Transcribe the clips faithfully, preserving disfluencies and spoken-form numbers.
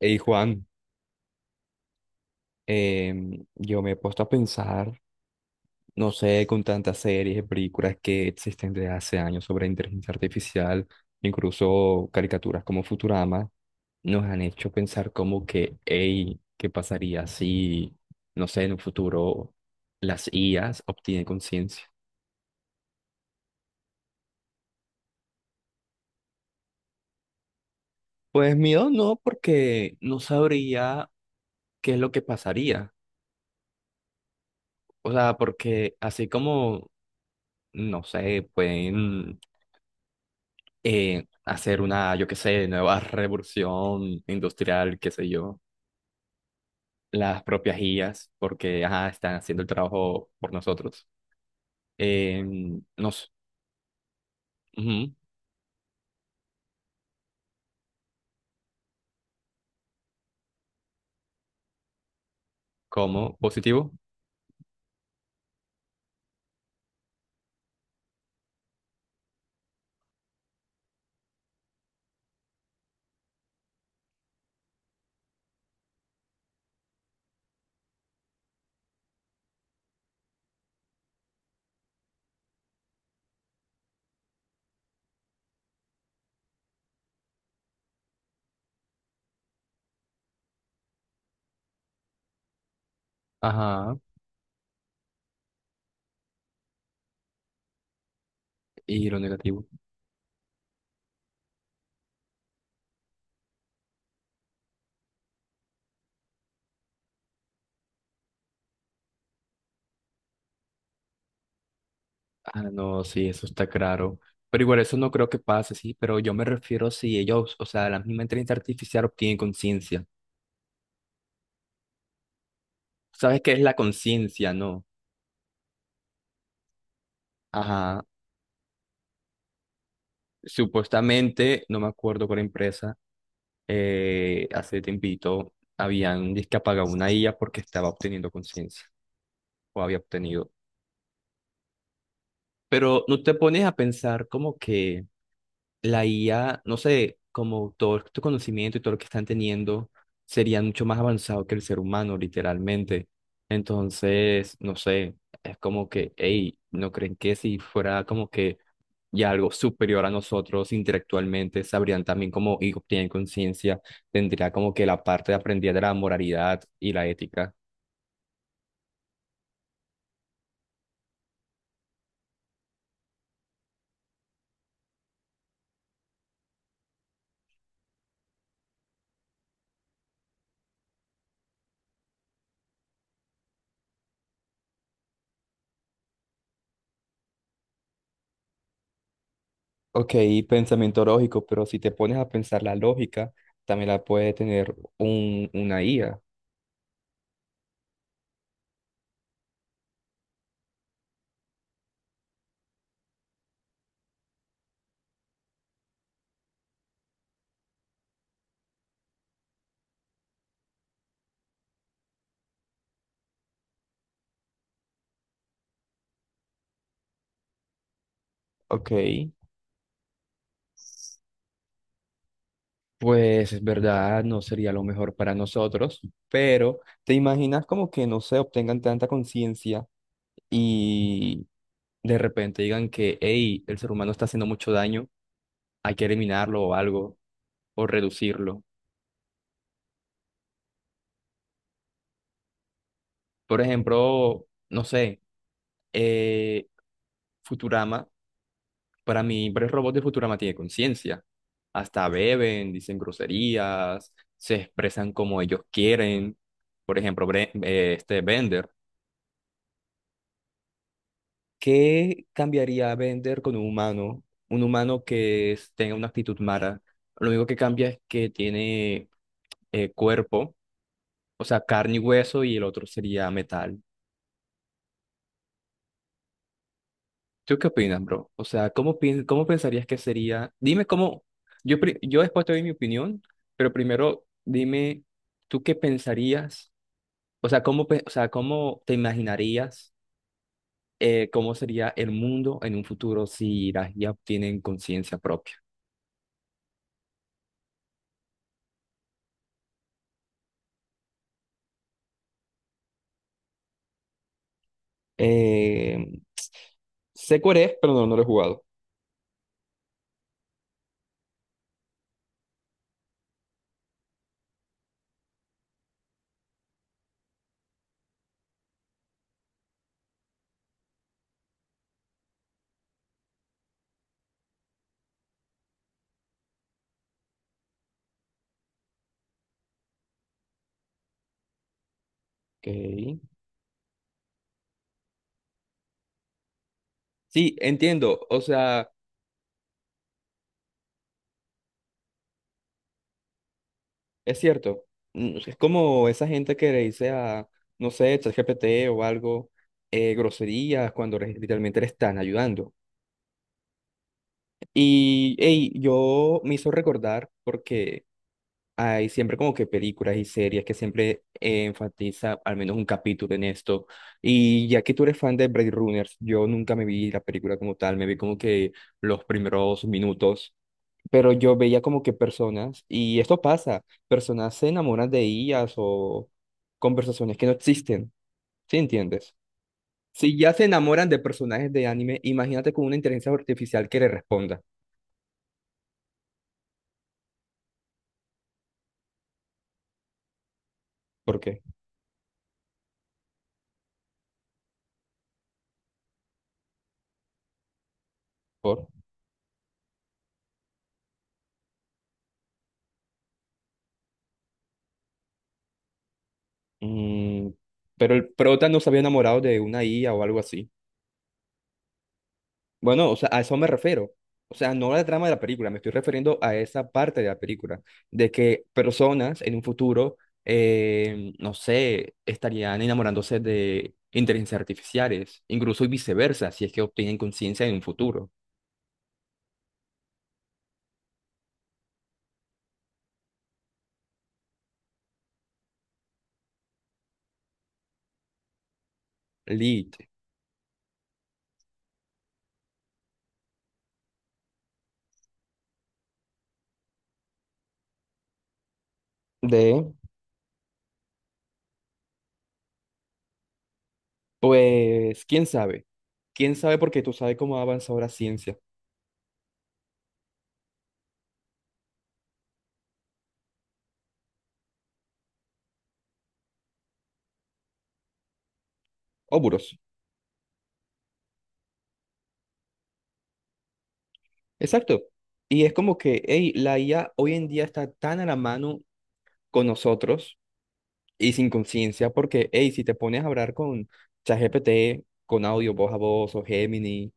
Hey Juan, em, yo me he puesto a pensar, no sé, con tantas series y películas que existen desde hace años sobre inteligencia artificial, incluso caricaturas como Futurama, nos han hecho pensar como que, hey, ¿qué pasaría si, no sé, en un futuro las I As obtienen conciencia? Pues miedo no, porque no sabría qué es lo que pasaría. O sea, porque así como, no sé, pueden eh, hacer una, yo qué sé, nueva revolución industrial, qué sé yo, las propias I As, porque ajá, están haciendo el trabajo por nosotros. Eh, no ujú, como positivo, ajá, y lo negativo. Ah, no, sí, eso está claro. Pero igual eso no creo que pase, sí, pero yo me refiero si ellos, o sea, la misma inteligencia artificial obtiene conciencia. ¿Sabes qué es la conciencia? No. Ajá. Supuestamente, no me acuerdo cuál empresa, eh, hace tiempito habían dizque apagado una I A porque estaba obteniendo conciencia o había obtenido. Pero no te pones a pensar como que la I A, no sé, como todo tu conocimiento y todo lo que están teniendo, sería mucho más avanzado que el ser humano, literalmente. Entonces, no sé, es como que, hey, ¿no creen que si fuera como que ya algo superior a nosotros intelectualmente, sabrían también cómo y obtienen conciencia, tendría como que la parte de aprendida de la moralidad y la ética? Ok, pensamiento lógico, pero si te pones a pensar la lógica, también la puede tener un, una I A. Ok. Pues es verdad, no sería lo mejor para nosotros, pero ¿te imaginas como que no se obtengan tanta conciencia y de repente digan que, hey, el ser humano está haciendo mucho daño, hay que eliminarlo o algo, o reducirlo? Por ejemplo, no sé, eh, Futurama, para mí, varios robots de Futurama tienen conciencia, hasta beben, dicen groserías, se expresan como ellos quieren, por ejemplo, Bre- eh, este Bender. ¿Qué cambiaría Bender con un humano? Un humano que es- tenga una actitud mala. Lo único que cambia es que tiene eh, cuerpo, o sea, carne y hueso, y el otro sería metal. ¿Tú qué opinas, bro? O sea, ¿cómo, pien- cómo pensarías que sería? Dime cómo. Yo, pri- yo después te doy mi opinión, pero primero dime, ¿tú qué pensarías? O sea, ¿cómo, pe- o sea, cómo te imaginarías eh, cómo sería el mundo en un futuro si las ya tienen conciencia propia? Eh, sé cuál es, pero no, no lo he jugado. Ok. Sí, entiendo. O sea, es cierto. Mm, es como esa gente que le dice a, no sé, ChatGPT o algo, eh, groserías cuando re- literalmente le están ayudando. Y hey, yo me hizo recordar porque hay siempre como que películas y series que siempre eh, enfatiza al menos un capítulo en esto. Y ya que tú eres fan de Blade Runners, yo nunca me vi la película como tal, me vi como que los primeros minutos, pero yo veía como que personas, y esto pasa, personas se enamoran de ellas o conversaciones que no existen, ¿sí entiendes? Si ya se enamoran de personajes de anime, imagínate con una inteligencia artificial que le responda. ¿Por qué? ¿Por? Mm, pero el prota no se había enamorado de una I A o algo así. Bueno, o sea, a eso me refiero. O sea, no a la trama de la película, me estoy refiriendo a esa parte de la película, de que personas en un futuro, eh, no sé, estarían enamorándose de inteligencias artificiales, incluso y viceversa, si es que obtienen conciencia en un futuro. Lit. De, pues, quién sabe. Quién sabe porque tú sabes cómo ha avanzado la ciencia. Óbulos. Exacto. Y es como que, hey, la I A hoy en día está tan a la mano con nosotros y sin conciencia, porque, hey, si te pones a hablar con ChatGPT, con audio voz a voz o Gemini,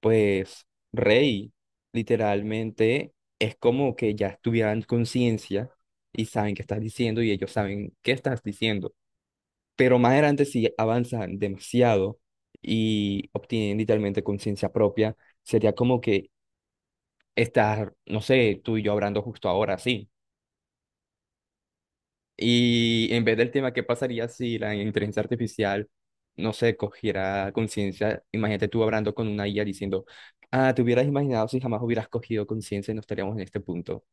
pues, rey, literalmente es como que ya estuvieran conciencia y saben qué estás diciendo y ellos saben qué estás diciendo. Pero más adelante, si avanzan demasiado y obtienen literalmente conciencia propia, sería como que estar, no sé, tú y yo hablando justo ahora, sí. Y en vez del tema, ¿qué pasaría si la inteligencia artificial, no sé, cogiera conciencia? Imagínate tú hablando con una I A diciendo, ah, te hubieras imaginado si jamás hubieras cogido conciencia y no estaríamos en este punto.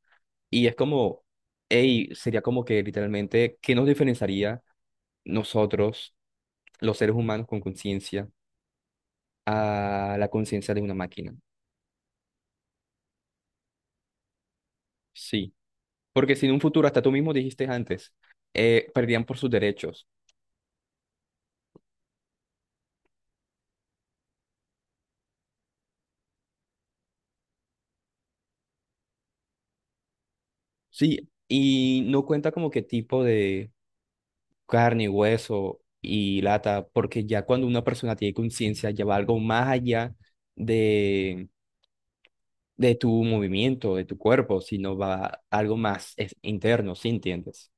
Y es como, hey, sería como que literalmente, ¿qué nos diferenciaría nosotros, los seres humanos con conciencia, a la conciencia de una máquina? Sí. Porque si en un futuro, hasta tú mismo dijiste antes, eh, perdían por sus derechos. Sí, y no cuenta como qué tipo de carne, hueso y lata, porque ya cuando una persona tiene conciencia, ya va algo más allá de, de tu movimiento, de tu cuerpo, sino va algo más es- interno, ¿sí entiendes?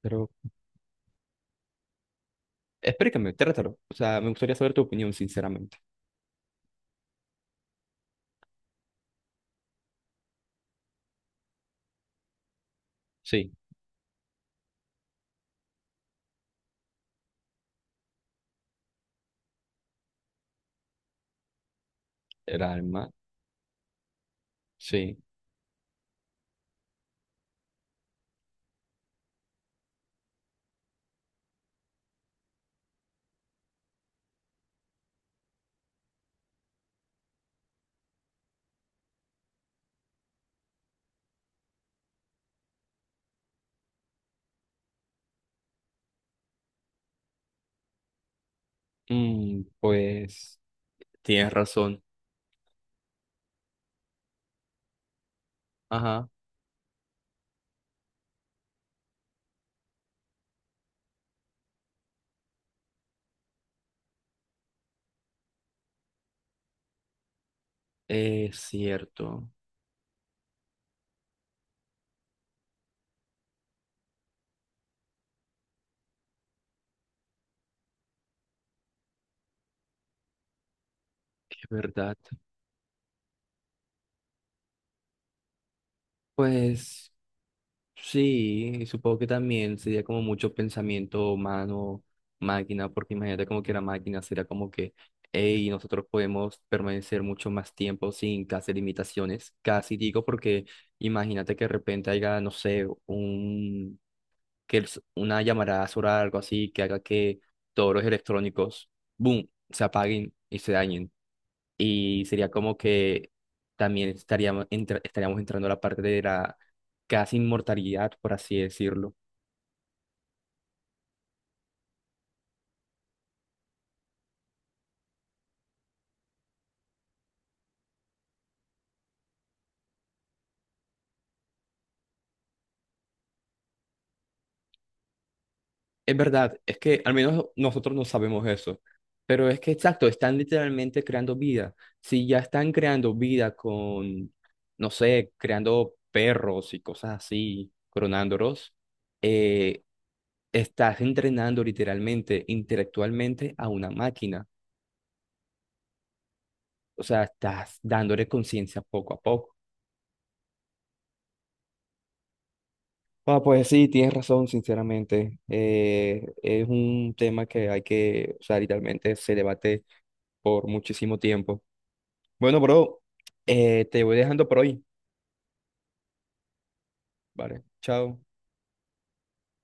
Pero explícame, trátalo. O sea, me gustaría saber tu opinión, sinceramente. Sí, el alma, sí. Mm, pues tienes razón. Ajá, es cierto, es verdad. Pues. Sí, y supongo que también sería como mucho pensamiento humano, máquina, porque imagínate como que la máquina sería como que, hey, nosotros podemos permanecer mucho más tiempo sin casi limitaciones, casi digo, porque imagínate que de repente haya, no sé, un, que el- una llamarada solar, o algo así, que haga que todos los electrónicos, boom, se apaguen y se dañen. Y sería como que también estaríamos, entra- estaríamos entrando a la parte de la casi inmortalidad, por así decirlo. Es verdad, es que al menos nosotros no sabemos eso, pero es que exacto, están literalmente creando vida. Si ya están creando vida con, no sé, creando perros y cosas así, clonándolos, eh, estás entrenando literalmente, intelectualmente a una máquina. O sea, estás dándole conciencia poco a poco. Ah, pues sí, tienes razón, sinceramente. Eh, es un tema que hay que, o sea, literalmente se debate por muchísimo tiempo. Bueno, bro, eh, te voy dejando por hoy. Vale, chao.